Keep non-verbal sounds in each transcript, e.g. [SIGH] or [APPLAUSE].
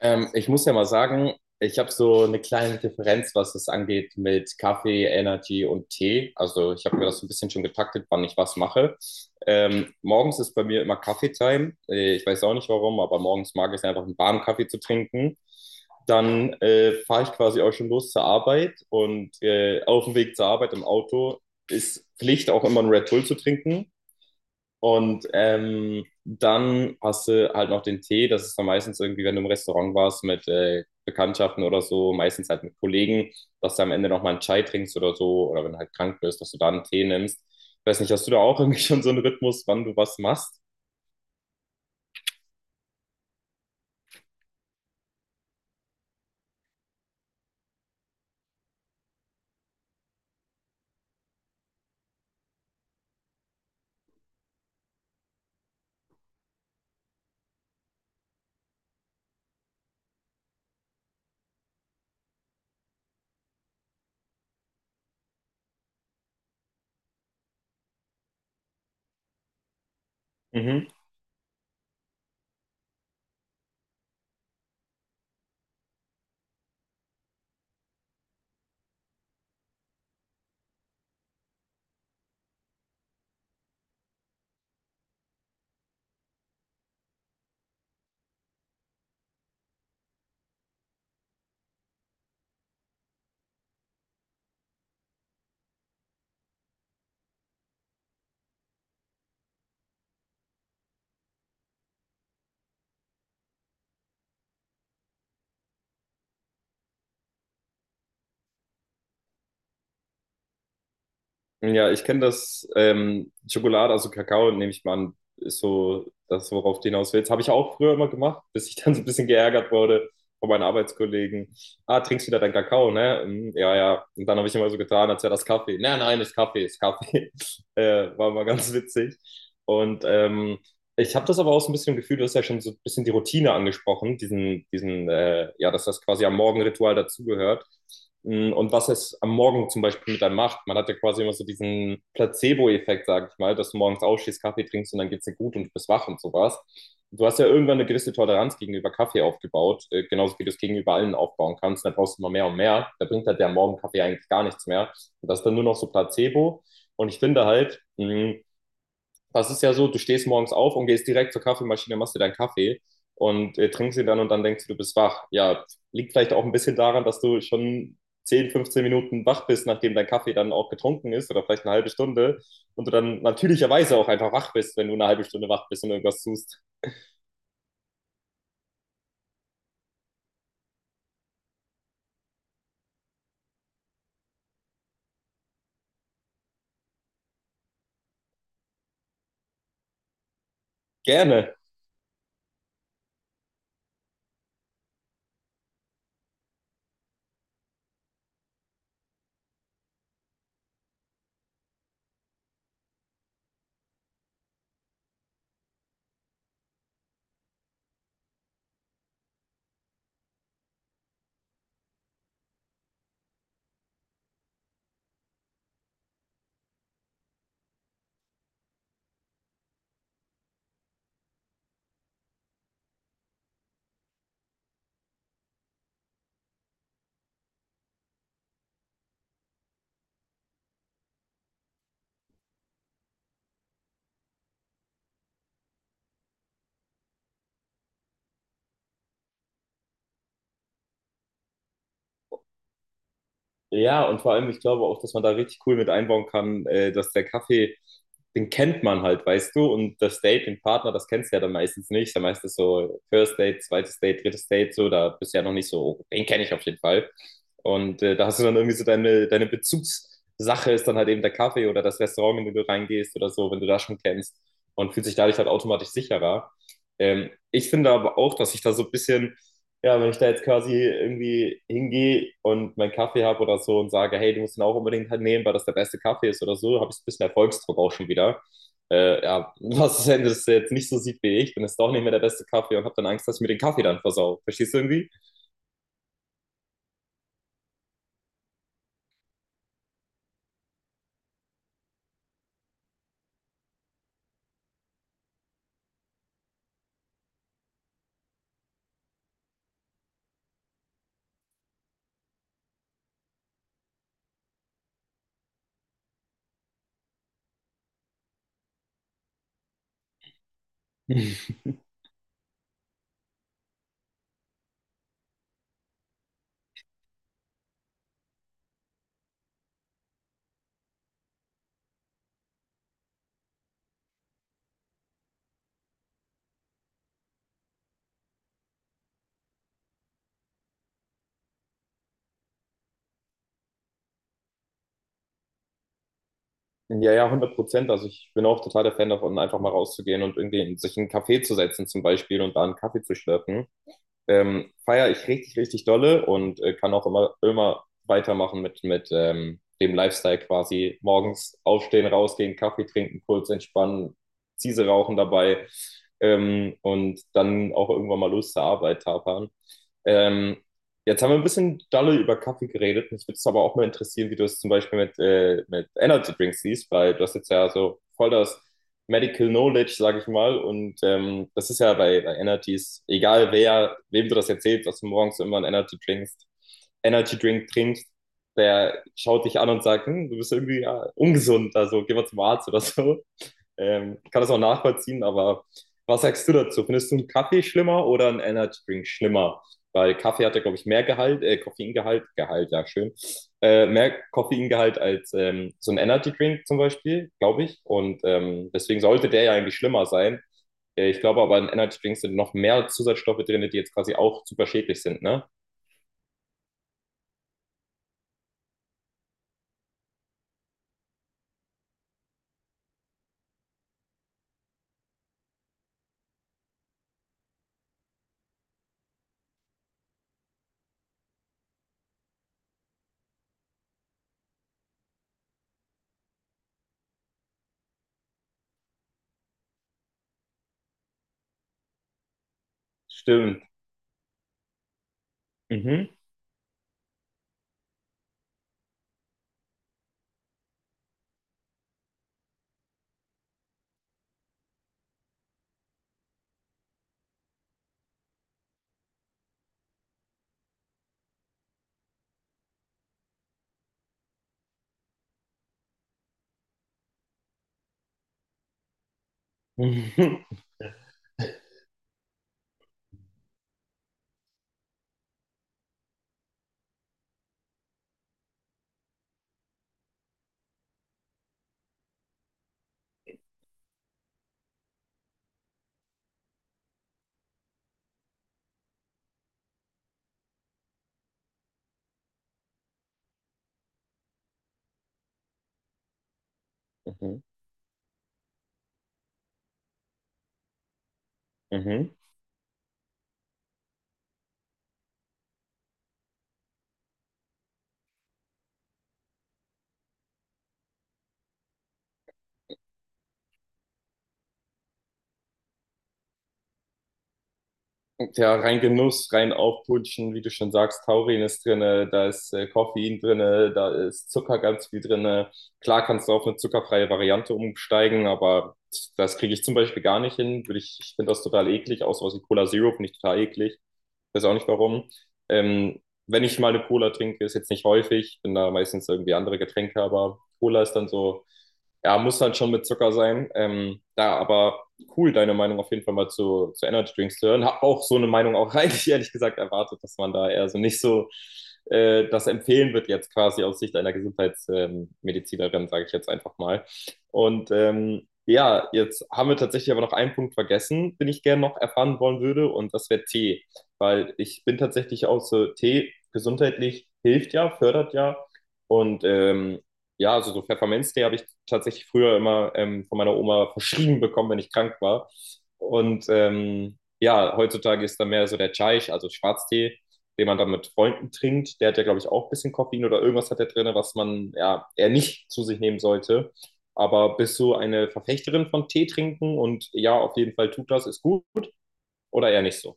Ich muss ja mal sagen, ich habe so eine kleine Differenz, was es angeht mit Kaffee, Energy und Tee. Also ich habe mir das so ein bisschen schon getaktet, wann ich was mache. Morgens ist bei mir immer Kaffeetime. Ich weiß auch nicht warum, aber morgens mag ich es einfach, einen warmen Kaffee zu trinken. Dann fahre ich quasi auch schon los zur Arbeit und auf dem Weg zur Arbeit im Auto ist Pflicht auch immer einen Red Bull zu trinken. Und dann hast du halt noch den Tee. Das ist dann meistens irgendwie, wenn du im Restaurant warst mit Bekanntschaften oder so, meistens halt mit Kollegen, dass du am Ende nochmal einen Chai trinkst oder so. Oder wenn du halt krank bist, dass du da einen Tee nimmst. Ich weiß nicht, hast du da auch irgendwie schon so einen Rhythmus, wann du was machst? Mhm. Ja, ich kenne das, Schokolade, also Kakao, nehme ich mal an, ist so das, worauf du hinaus willst. Habe ich auch früher immer gemacht, bis ich [LAUGHS] dann so ein bisschen geärgert wurde von meinen Arbeitskollegen. Ah, trinkst wieder deinen Kakao, ne? Hm, ja, ja. Und dann habe ich immer so getan, als wäre das Kaffee. Nein, nein, ist Kaffee, ist Kaffee. [LAUGHS] War mal ganz witzig. Und ich habe das aber auch so ein bisschen im Gefühl, du hast ja schon so ein bisschen die Routine angesprochen, ja, dass das quasi am Morgenritual dazugehört. Und was es am Morgen zum Beispiel mit einem macht. Man hat ja quasi immer so diesen Placebo-Effekt, sage ich mal, dass du morgens aufstehst, Kaffee trinkst und dann geht's dir gut und du bist wach und sowas. Du hast ja irgendwann eine gewisse Toleranz gegenüber Kaffee aufgebaut, genauso wie du es gegenüber allen aufbauen kannst. Da brauchst du immer mehr und mehr. Da bringt halt der Morgenkaffee eigentlich gar nichts mehr. Und das ist dann nur noch so Placebo. Und ich finde halt, das ist ja so, du stehst morgens auf und gehst direkt zur Kaffeemaschine, machst dir deinen Kaffee und trinkst ihn dann und dann denkst du, du bist wach. Ja, liegt vielleicht auch ein bisschen daran, dass du schon 10, 15 Minuten wach bist, nachdem dein Kaffee dann auch getrunken ist oder vielleicht eine halbe Stunde und du dann natürlicherweise auch einfach wach bist, wenn du eine halbe Stunde wach bist und irgendwas tust. Gerne. Ja, und vor allem, ich glaube auch, dass man da richtig cool mit einbauen kann, dass der Kaffee, den kennt man halt, weißt du, und das Date, den Partner, das kennst du ja dann meistens nicht. Dann meistens so First Date, zweites Date, drittes Date, so, da bist du ja noch nicht so, oh, den kenne ich auf jeden Fall. Und da hast du dann irgendwie so deine Bezugssache ist dann halt eben der Kaffee oder das Restaurant, in dem du reingehst oder so, wenn du das schon kennst und fühlt sich dadurch halt automatisch sicherer. Ich finde aber auch, dass ich da so ein bisschen ja, wenn ich da jetzt quasi irgendwie hingehe und meinen Kaffee habe oder so und sage, hey, du musst ihn auch unbedingt halt nehmen, weil das der beste Kaffee ist oder so, habe ich so ein bisschen Erfolgsdruck auch schon wieder. Ja, [LAUGHS] was ist, wenn das jetzt nicht so sieht wie ich, dann ist es doch nicht mehr der beste Kaffee und habe dann Angst, dass ich mir den Kaffee dann versau. Verstehst du irgendwie? [LAUGHS] Ja, ja, 100%. Also ich bin auch total der Fan davon, einfach mal rauszugehen und irgendwie sich in einen Café zu setzen zum Beispiel und da einen Kaffee zu schlürfen. Feiere ich richtig, richtig dolle und kann auch immer, immer weitermachen mit, dem Lifestyle quasi. Morgens aufstehen, rausgehen, Kaffee trinken, kurz entspannen, Ziese rauchen dabei und dann auch irgendwann mal Lust zur Arbeit tapern. Ähm, Jetzt haben wir ein bisschen dolle über Kaffee geredet. Mich würde es aber auch mal interessieren, wie du es zum Beispiel mit, mit Energy Drinks siehst, weil du hast jetzt ja so voll das Medical Knowledge, sage ich mal. Und das ist ja bei, bei Energies, egal wer, wem du das erzählst, dass du morgens immer einen Energy trinkst, Energy Drink trinkst, der schaut dich an und sagt, hm, du bist irgendwie ja, ungesund, also geh mal zum Arzt oder so. Ich kann das auch nachvollziehen, aber was sagst du dazu? Findest du einen Kaffee schlimmer oder einen Energy Drink schlimmer? Weil Kaffee hat ja, glaube ich, mehr Gehalt, Koffeingehalt, Gehalt, ja, schön, mehr Koffeingehalt als so ein Energy Drink zum Beispiel, glaube ich. Und deswegen sollte der ja eigentlich schlimmer sein. Ich glaube aber, in Energy Drinks sind noch mehr Zusatzstoffe drin, die jetzt quasi auch super schädlich sind, ne? Stimmt. Mhm. [LAUGHS] Mhm. Mhm. Mhm. Ja, rein Genuss, rein aufputschen, wie du schon sagst, Taurin ist drin, da ist Koffein drin, da ist Zucker ganz viel drin. Klar kannst du auf eine zuckerfreie Variante umsteigen, aber das kriege ich zum Beispiel gar nicht hin. Ich finde das total eklig, außer aus dem Cola Zero finde ich total eklig, weiß auch nicht warum. Ähm, Wenn ich mal eine Cola trinke, ist jetzt nicht häufig, bin da meistens irgendwie andere Getränke, aber Cola ist dann so, ja, muss dann schon mit Zucker sein. Aber cool, deine Meinung auf jeden Fall mal zu Energy Drinks zu hören. Hab auch so eine Meinung auch eigentlich [LAUGHS] ehrlich gesagt erwartet, dass man da eher so nicht so das empfehlen wird jetzt quasi aus Sicht einer Gesundheitsmedizinerin, sage ich jetzt einfach mal. Und ja, jetzt haben wir tatsächlich aber noch einen Punkt vergessen, den ich gerne noch erfahren wollen würde, und das wäre Tee, weil ich bin tatsächlich auch so, Tee gesundheitlich hilft ja, fördert ja. Und ja, also so Pfefferminztee habe ich tatsächlich früher immer von meiner Oma verschrieben bekommen, wenn ich krank war. Und ja, heutzutage ist da mehr so der Chai, also Schwarztee, den man dann mit Freunden trinkt. Der hat ja, glaube ich, auch ein bisschen Koffein oder irgendwas hat der drin, was man ja eher nicht zu sich nehmen sollte. Aber bist du eine Verfechterin von Tee trinken? Und ja, auf jeden Fall tut das, ist gut oder eher nicht so?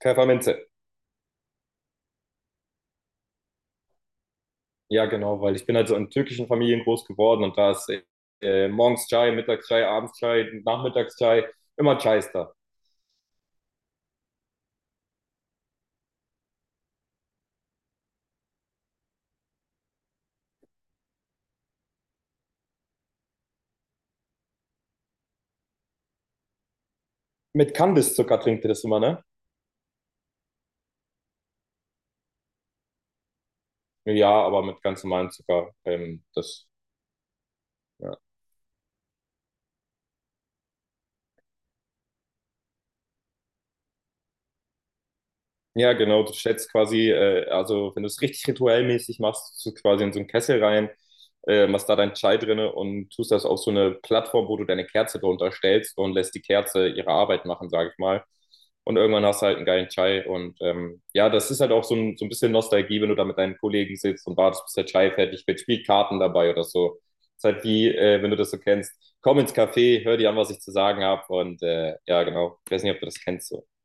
Pfefferminze. Ja, genau, weil ich bin halt so in türkischen Familien groß geworden und da ist morgens Chai, mittags Chai, abends Chai, nachmittags Chai, immer Chai ist da. Mit Kandiszucker trinkt ihr das immer, ne? Ja, aber mit ganz normalem Zucker. Ja. Ja, genau, du schätzt quasi, also wenn du es richtig rituellmäßig machst, tust du quasi in so einen Kessel rein, machst da deinen Chai drinne und tust das auf so eine Plattform, wo du deine Kerze drunter stellst und lässt die Kerze ihre Arbeit machen, sage ich mal. Und irgendwann hast du halt einen geilen Chai. Und ja, das ist halt auch so ein bisschen Nostalgie, wenn du da mit deinen Kollegen sitzt und wartest, bis der Chai fertig wird, spielt Karten dabei oder so. Ist halt wie, wenn du das so kennst, komm ins Café, hör dir an, was ich zu sagen habe. Und ja, genau, ich weiß nicht, ob du das kennst. So.